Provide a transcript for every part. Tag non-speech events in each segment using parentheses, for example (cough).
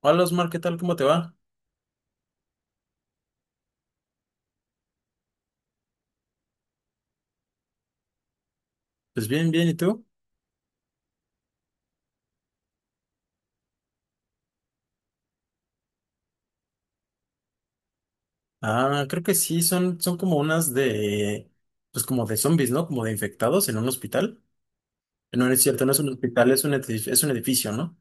Hola Osmar, ¿qué tal? ¿Cómo te va? Pues bien, bien, ¿y tú? Ah, creo que sí, son como unas de, pues como de zombies, ¿no? Como de infectados en un hospital. No, no es cierto, no es un hospital, es un edificio, ¿no?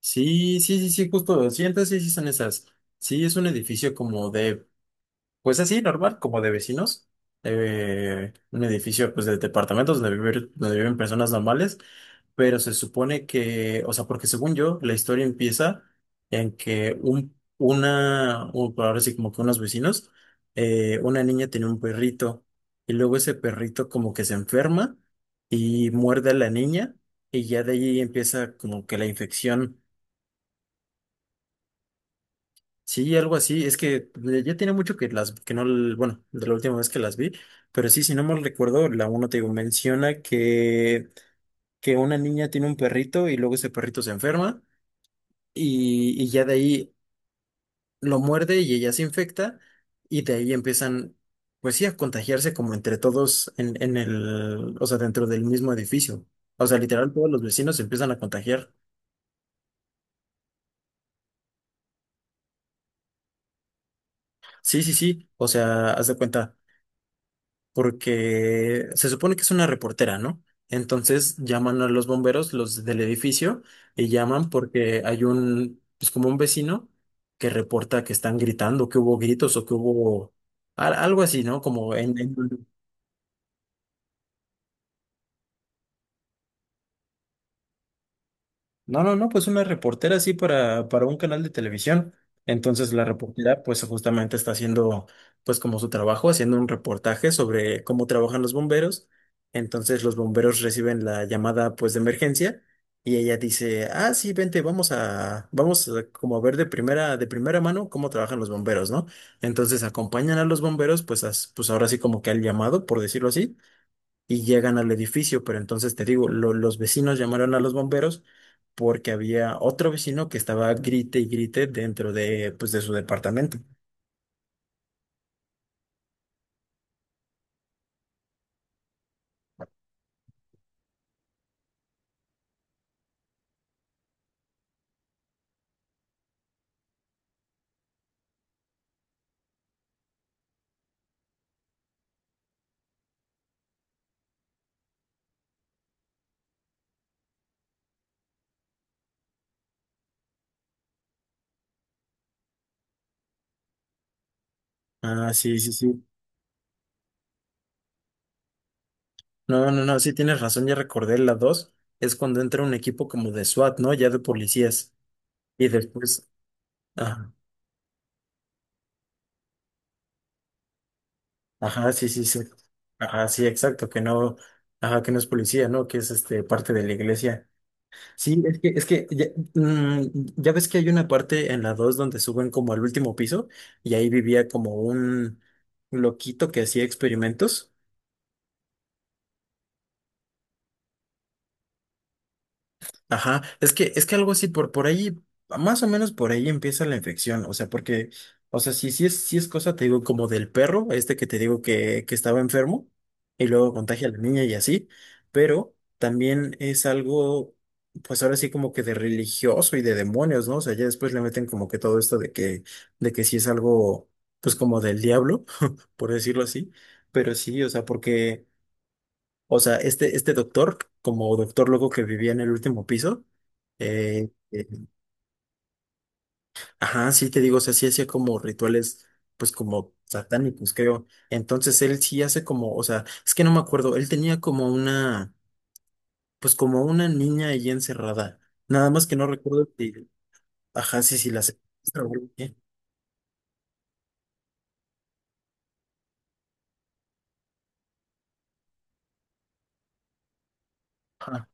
Sí, sí, sí, sí, justo, sí, entonces sí, sí son esas. Sí, es un edificio como de, pues así, normal, como de vecinos. Un edificio, pues, de departamentos donde viven personas normales. Pero se supone que, o sea, porque según yo, la historia empieza en que una, o por ahora sí como que unos vecinos, una niña tenía un perrito y luego ese perrito como que se enferma y muerde a la niña y ya de ahí empieza como que la infección. Sí, algo así. Es que ya tiene mucho que las, que no, l- bueno, de la última vez que las vi, pero sí, si no mal recuerdo, la uno te digo, menciona que una niña tiene un perrito y luego ese perrito se enferma. Y ya de ahí lo muerde y ella se infecta y de ahí empiezan, pues sí, a contagiarse como entre todos o sea, dentro del mismo edificio. O sea, literal, todos los vecinos se empiezan a contagiar. Sí, sí, sí, o sea, haz de cuenta, porque se supone que es una reportera, ¿no? Entonces llaman a los bomberos, los del edificio, y llaman porque hay pues como un vecino que reporta que están gritando, que hubo gritos o que hubo algo así, ¿no? Como en, No, no, no, pues una reportera así para, un canal de televisión. Entonces la reportera pues justamente está haciendo pues como su trabajo, haciendo un reportaje sobre cómo trabajan los bomberos. Entonces los bomberos reciben la llamada pues de emergencia y ella dice, ah, sí, vente, vamos a como a ver de primera mano cómo trabajan los bomberos, ¿no? Entonces acompañan a los bomberos pues, pues ahora sí como que al llamado, por decirlo así, y llegan al edificio, pero entonces te digo, los vecinos llamaron a los bomberos porque había otro vecino que estaba grite y grite dentro de, pues, de su departamento. Ah, sí, sí, sí. No, no, no, sí tienes razón, ya recordé la dos, es cuando entra un equipo como de SWAT, ¿no? Ya de policías. Y después, ajá, ajá, sí, sí, sí. Ajá, sí, exacto, que no, ajá, que no es policía, ¿no? Que es parte de la iglesia. Sí, es que, ya, mm, ya ves que hay una parte en la 2 donde suben como al último piso y ahí vivía como un loquito que hacía experimentos. Ajá, es que algo así, por ahí, más o menos por ahí empieza la infección, o sea, porque, o sea, si, si es cosa, te digo, como del perro, este que te digo que estaba enfermo, y luego contagia a la niña y así, pero también es algo, pues ahora sí como que de religioso y de demonios, ¿no? O sea, ya después le meten como que todo esto de que, sí es algo, pues como del diablo, (laughs) por decirlo así, pero sí, o sea, porque... O sea, este doctor, como doctor loco que vivía en el último piso, eh, eh, ajá, sí te digo, o sea, sí hacía como rituales, pues como satánicos, creo. Entonces él sí hace como, o sea, es que no me acuerdo, él tenía como una niña ahí encerrada. Nada más que no recuerdo si, ajá, sí, sí, la secuestra o algo así. Ajá,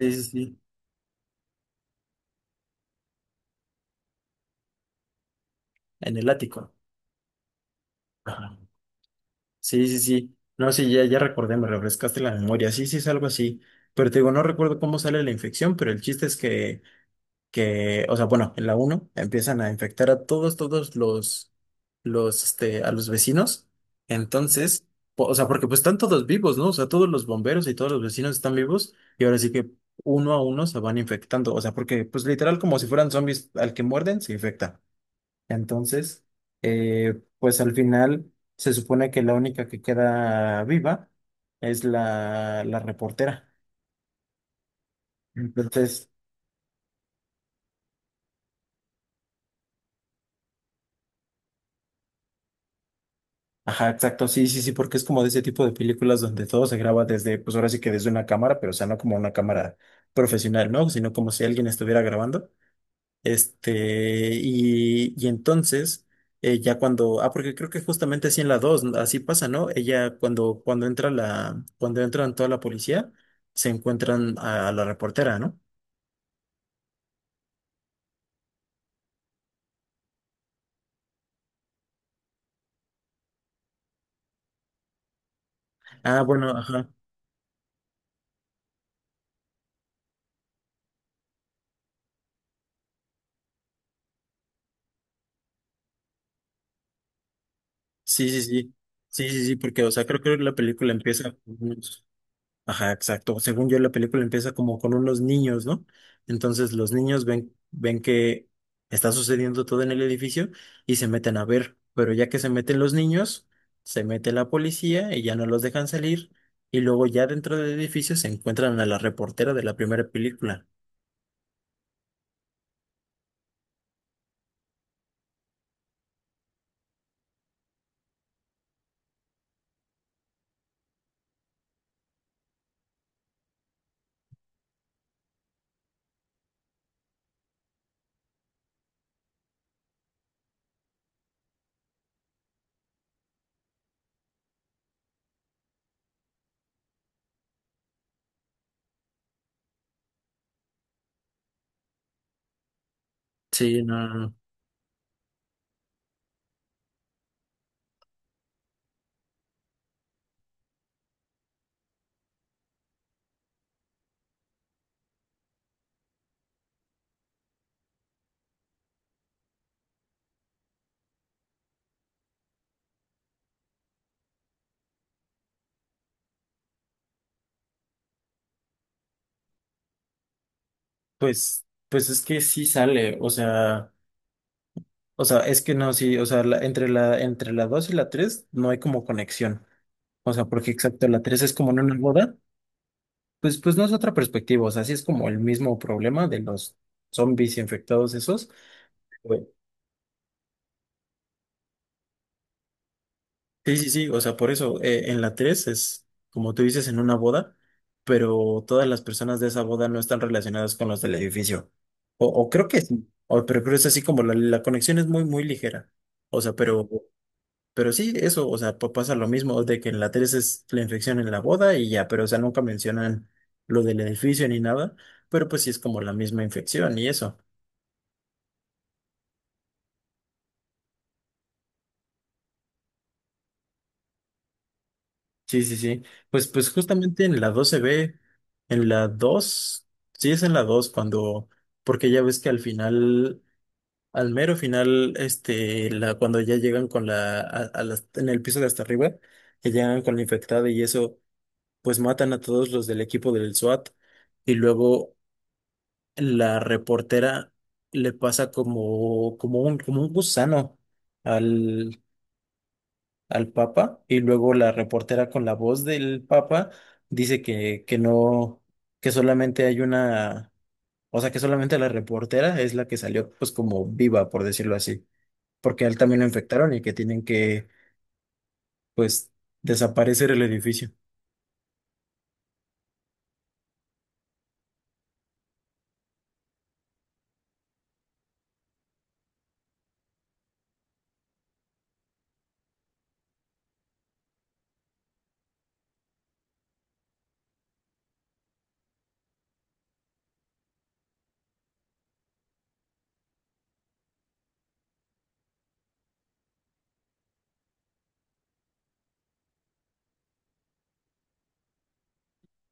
sí, sí, sí, en el ático. Ajá. Sí, sí, sí. No, sí, ya recordé, me refrescaste la memoria. Sí, sí, es algo así. Pero te digo, no recuerdo cómo sale la infección, pero el chiste es que, o sea, bueno, en la uno empiezan a infectar a todos, todos a los vecinos. Entonces, o sea, porque pues están todos vivos, ¿no? O sea, todos los bomberos y todos los vecinos están vivos y ahora sí que uno a uno se van infectando. O sea, porque pues literal como si fueran zombies, al que muerden se infecta. Entonces, pues al final se supone que la única que queda viva es la reportera. Entonces, ajá, exacto, sí, sí, sí, porque es como de ese tipo de películas donde todo se graba desde, pues ahora sí que desde una cámara, pero o sea, no como una cámara profesional, ¿no? Sino como si alguien estuviera grabando. Y entonces, porque creo que justamente así en la 2 así pasa, ¿no? Ella cuando, cuando entran toda la policía, se encuentran a la reportera, ¿no? Ah, bueno, ajá. Sí, sí, sí. Sí, sí, sí, porque, o sea, creo que la película empieza. Ajá, exacto. Según yo, la película empieza como con unos niños, ¿no? Entonces los niños ven que está sucediendo todo en el edificio y se meten a ver. Pero ya que se meten los niños, se mete la policía y ya no los dejan salir. Y luego ya dentro del edificio se encuentran a la reportera de la primera película. Sí, no, no, no. Pues es que sí sale, o sea, es que no, sí, o sea, entre la 2 y la 3 no hay como conexión. O sea, porque exacto, la 3 es como en una boda. Pues no es otra perspectiva, o sea, sí es como el mismo problema de los zombies infectados esos. Güey. Sí, sí, sí, o sea, por eso, en la 3 es, como tú dices, en una boda, pero todas las personas de esa boda no están relacionadas con los del edificio. O, creo que sí, pero creo que es así como la conexión es muy, muy ligera. O sea, pero, sí, eso, o sea, pasa lo mismo de que en la 3 es la infección en la boda y ya, pero o sea, nunca mencionan lo del edificio ni nada, pero pues sí es como la misma infección y eso. Sí, sí, sí. Pues justamente en la 2 se ve, en la 2, sí es en la 2 cuando, porque ya ves que al final, al mero final, cuando ya llegan con la, a las- en el piso de hasta arriba, que llegan con la infectada y eso, pues matan a todos los del equipo del SWAT y luego la reportera le pasa como un gusano al Papa y luego la reportera con la voz del Papa dice que, no, que solamente hay una, o sea, que solamente la reportera es la que salió pues como viva, por decirlo así, porque a él también lo infectaron y que tienen que pues desaparecer el edificio.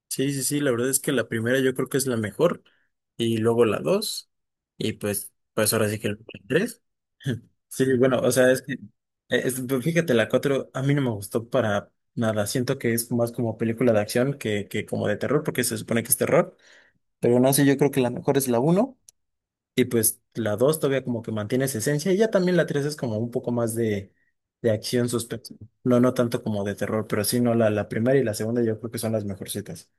Sí, sí, sí, la verdad es que la primera yo creo que es la mejor y luego la dos y pues ahora sí que el tres. Sí, bueno, o sea, es que, pero fíjate, la 4 a mí no me gustó para nada. Siento que es más como película de acción que como de terror, porque se supone que es terror. Pero no sé, yo creo que la mejor es la uno. Y pues la 2 todavía como que mantiene esa esencia. Y ya también la 3 es como un poco más de, acción suspenso. No, no tanto como de terror, pero sí, no, la primera y la segunda yo creo que son las mejorcitas.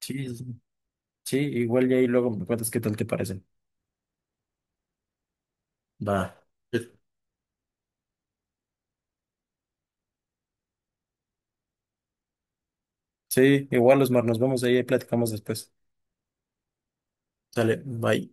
Sí, sí, sí, igual y ahí luego me cuentas qué tal te parecen. Va. Sí, igual, Osmar, nos vemos ahí y platicamos después. Dale, bye.